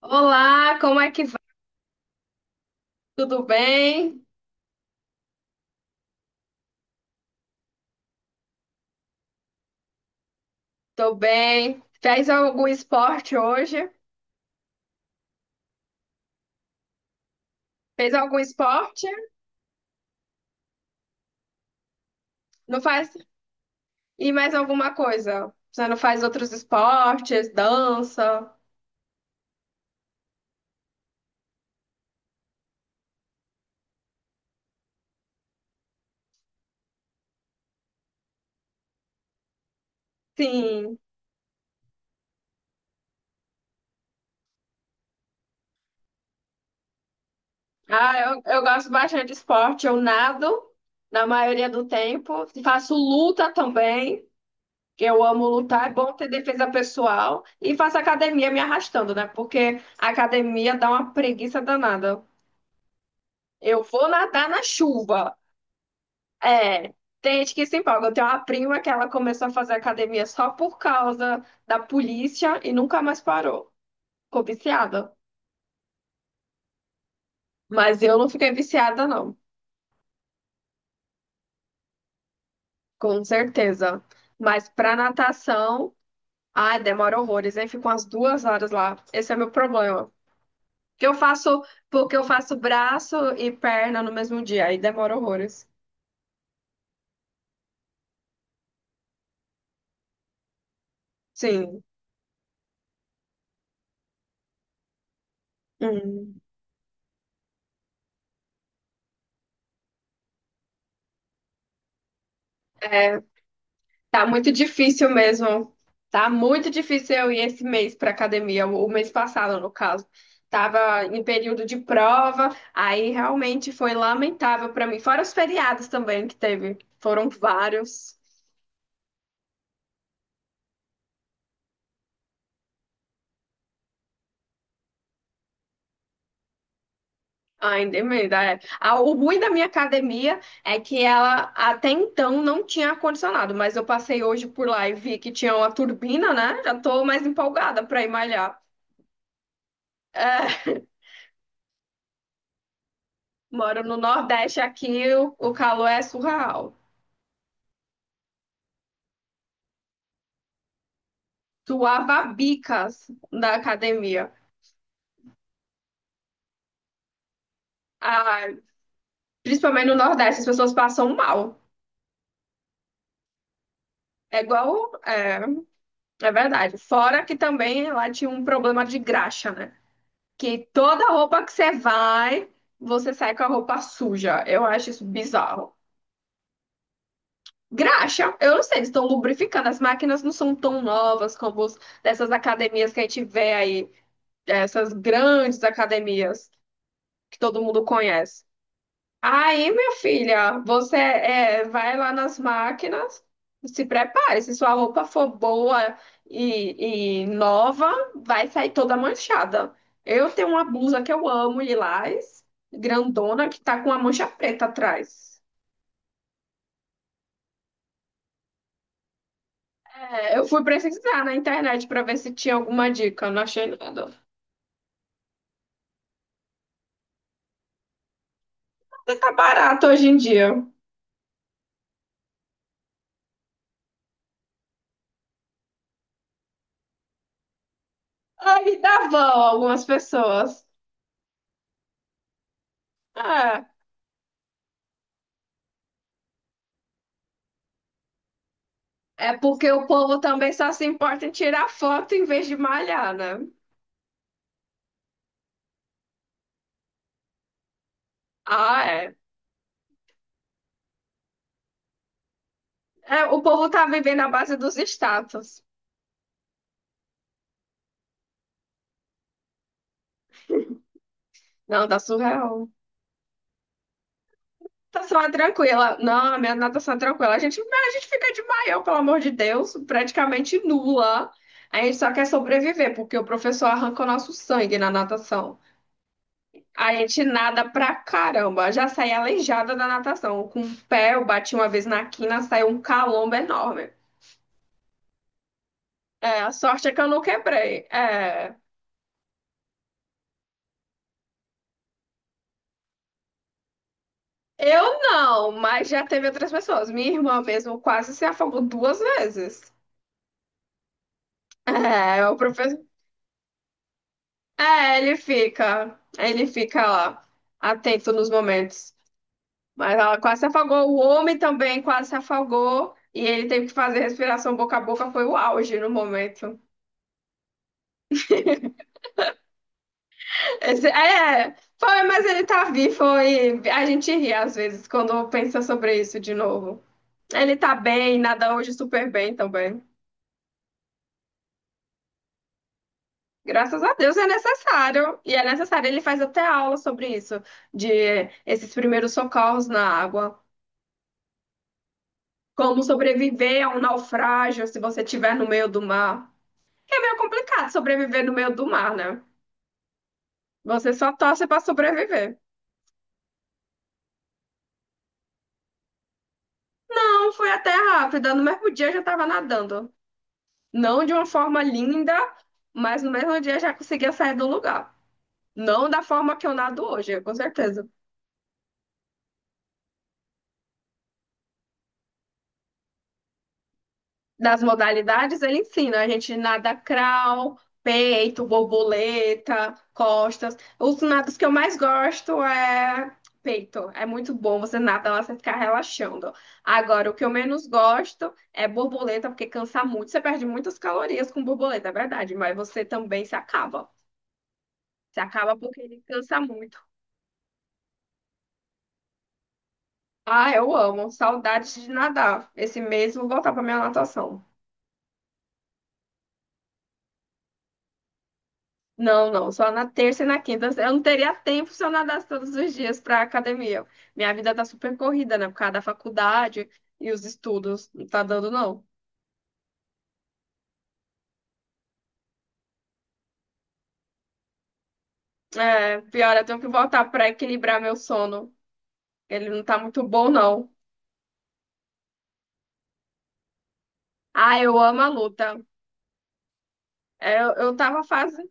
Olá, como é que vai? Tudo bem? Tô bem. Fez algum esporte hoje? Fez algum esporte? Não faz? E mais alguma coisa? Você não faz outros esportes? Dança? Sim. Ah, eu gosto bastante de esporte. Eu nado na maioria do tempo. Faço luta também. Que Eu amo lutar, é bom ter defesa pessoal. E faço academia me arrastando, né? Porque a academia dá uma preguiça danada. Eu vou nadar na chuva. É, tem gente que se empolga. Eu tenho uma prima que ela começou a fazer academia só por causa da polícia e nunca mais parou. Ficou viciada. Mas eu não fiquei viciada, não, com certeza. Mas pra natação, ai, demora horrores, aí fico umas 2 horas lá. Esse é meu problema. Que eu faço, porque eu faço braço e perna no mesmo dia, aí demora horrores. Sim. Hum. Tá muito difícil mesmo. Tá muito difícil eu ir esse mês pra academia, o mês passado, no caso. Tava em período de prova, aí realmente foi lamentável pra mim. Fora os feriados também que teve, foram vários. Ainda emenda, é. Ah, o ruim da minha academia é que ela até então não tinha ar-condicionado, mas eu passei hoje por lá e vi que tinha uma turbina, né? Já tô mais empolgada pra ir malhar. É, moro no Nordeste aqui, o calor é surreal. Suava bicas na academia. Ah, principalmente no Nordeste, as pessoas passam mal. É igual, é, é verdade. Fora que também lá tinha um problema de graxa, né? Que toda roupa que você vai, você sai com a roupa suja. Eu acho isso bizarro. Graxa, eu não sei, eles estão lubrificando. As máquinas não são tão novas como os, dessas academias que a gente vê aí, essas grandes academias que todo mundo conhece. Aí, minha filha, você é, vai lá nas máquinas, se prepare. Se sua roupa for boa e nova, vai sair toda manchada. Eu tenho uma blusa que eu amo, lilás, grandona, que tá com uma mancha preta atrás. É, eu fui pesquisar na internet para ver se tinha alguma dica, não achei nada. Tá barato hoje em dia. Aí dá vão algumas pessoas. É. É porque o povo também só se importa em tirar foto em vez de malhar, né? Ah, é. É, o povo tá vivendo à base dos status. Não, tá surreal. Natação é tranquila. Não, a minha natação é tranquila. A gente fica de maiô, pelo amor de Deus, praticamente nula. A gente só quer sobreviver, porque o professor arranca o nosso sangue na natação. A gente nada pra caramba. Já saí aleijada da natação. Com o pé, eu bati uma vez na quina, saiu um calombo enorme. É, a sorte é que eu não quebrei. É, eu não, mas já teve outras pessoas. Minha irmã mesmo quase se afogou duas vezes. É, é o professor. É, ele fica. Ele fica lá, atento nos momentos. Mas ela quase se afogou. O homem também quase se afogou. E ele teve que fazer respiração boca a boca. Foi o auge no momento. É, foi, mas ele tá vivo. Foi. A gente ri às vezes quando pensa sobre isso de novo. Ele tá bem, nada hoje super bem também. Graças a Deus é necessário, e é necessário. Ele faz até aula sobre isso, de esses primeiros socorros na água, como sobreviver a um naufrágio se você estiver no meio do mar. É meio complicado sobreviver no meio do mar, né? Você só torce para sobreviver. Não, foi até rápida, no mesmo dia eu já estava nadando. Não de uma forma linda, mas no mesmo dia eu já conseguia sair do lugar. Não da forma que eu nado hoje, com certeza. Das modalidades, ele ensina a gente nada crawl, peito, borboleta, costas. Os nados que eu mais gosto é peito. É muito bom, você nada lá, você ficar relaxando. Agora, o que eu menos gosto é borboleta, porque cansa muito. Você perde muitas calorias com borboleta, é verdade, mas você também se acaba. Se acaba porque ele cansa muito. Ah, eu amo. Saudades de nadar. Esse mês eu vou voltar para minha natação. Não, não, só na terça e na quinta. Eu não teria tempo se eu nadasse todos os dias para academia. Minha vida tá super corrida, né? Por causa da faculdade e os estudos. Não tá dando, não. É, pior, eu tenho que voltar para equilibrar meu sono. Ele não tá muito bom, não. Ah, eu amo a luta. É, eu tava fazendo.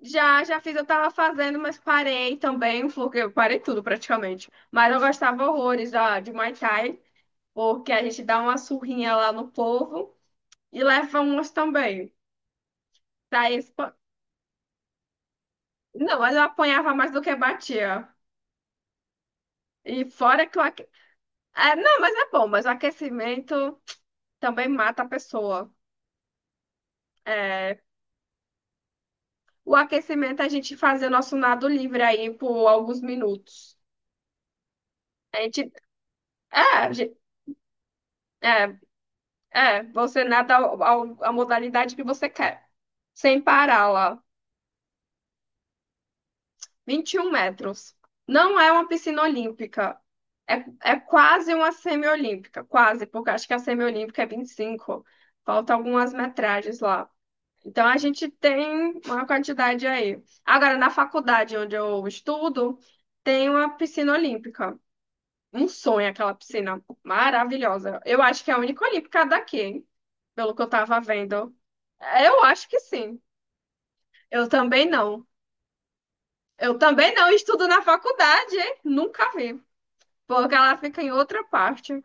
Já, já fiz, eu tava fazendo, mas parei também, porque eu parei tudo praticamente. Mas eu gostava horrores de Muay Thai, porque a gente dá uma surrinha lá no povo e leva umas também. Daí, não, mas eu apanhava mais do que batia. E fora que é, não, mas é bom, mas o aquecimento também mata a pessoa. É, o aquecimento é a gente fazer o nosso nado livre aí por alguns minutos. A gente, a gente- é, é, você nada a modalidade que você quer, sem parar lá. 21 metros. Não é uma piscina olímpica. É, é quase uma semiolímpica, quase, porque acho que a semiolímpica é 25. Falta algumas metragens lá. Então a gente tem uma quantidade aí. Agora, na faculdade onde eu estudo, tem uma piscina olímpica. Um sonho aquela piscina maravilhosa. Eu acho que é a única olímpica daqui, hein? Pelo que eu tava vendo. Eu acho que sim. Eu também não. Eu também não estudo na faculdade, hein? Nunca vi. Porque ela fica em outra parte.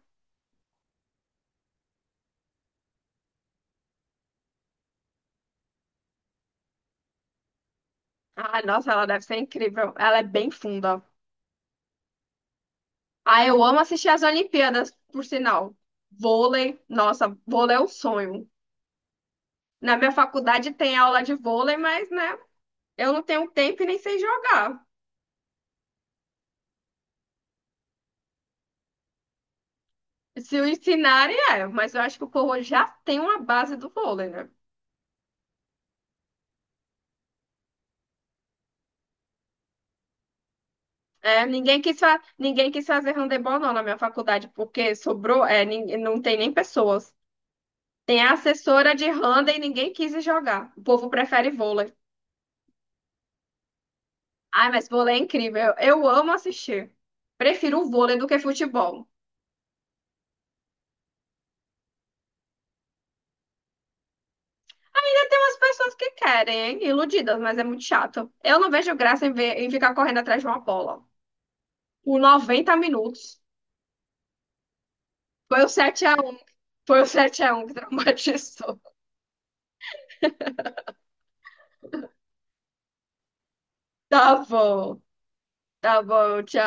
Ai, nossa, ela deve ser incrível. Ela é bem funda. Ah, eu amo assistir as Olimpíadas, por sinal. Vôlei, nossa, vôlei é um sonho. Na minha faculdade tem aula de vôlei, mas, né, eu não tenho tempo e nem sei jogar. Se o ensinarem, é, mas eu acho que o povo já tem uma base do vôlei, né? É, ninguém quis fazer handebol, não, na minha faculdade, porque sobrou, é, não tem nem pessoas. Tem a assessora de Handa e ninguém quis jogar. O povo prefere vôlei. Ai, mas vôlei é incrível. Eu amo assistir. Prefiro o vôlei do que futebol. E tem umas pessoas que querem, hein? Iludidas, mas é muito chato. Eu não vejo graça em ficar correndo atrás de uma bola. Por 90 minutos. Foi o sete a um, Foi o 7-1 que traumatizou. Tá bom. Tá bom, tchau.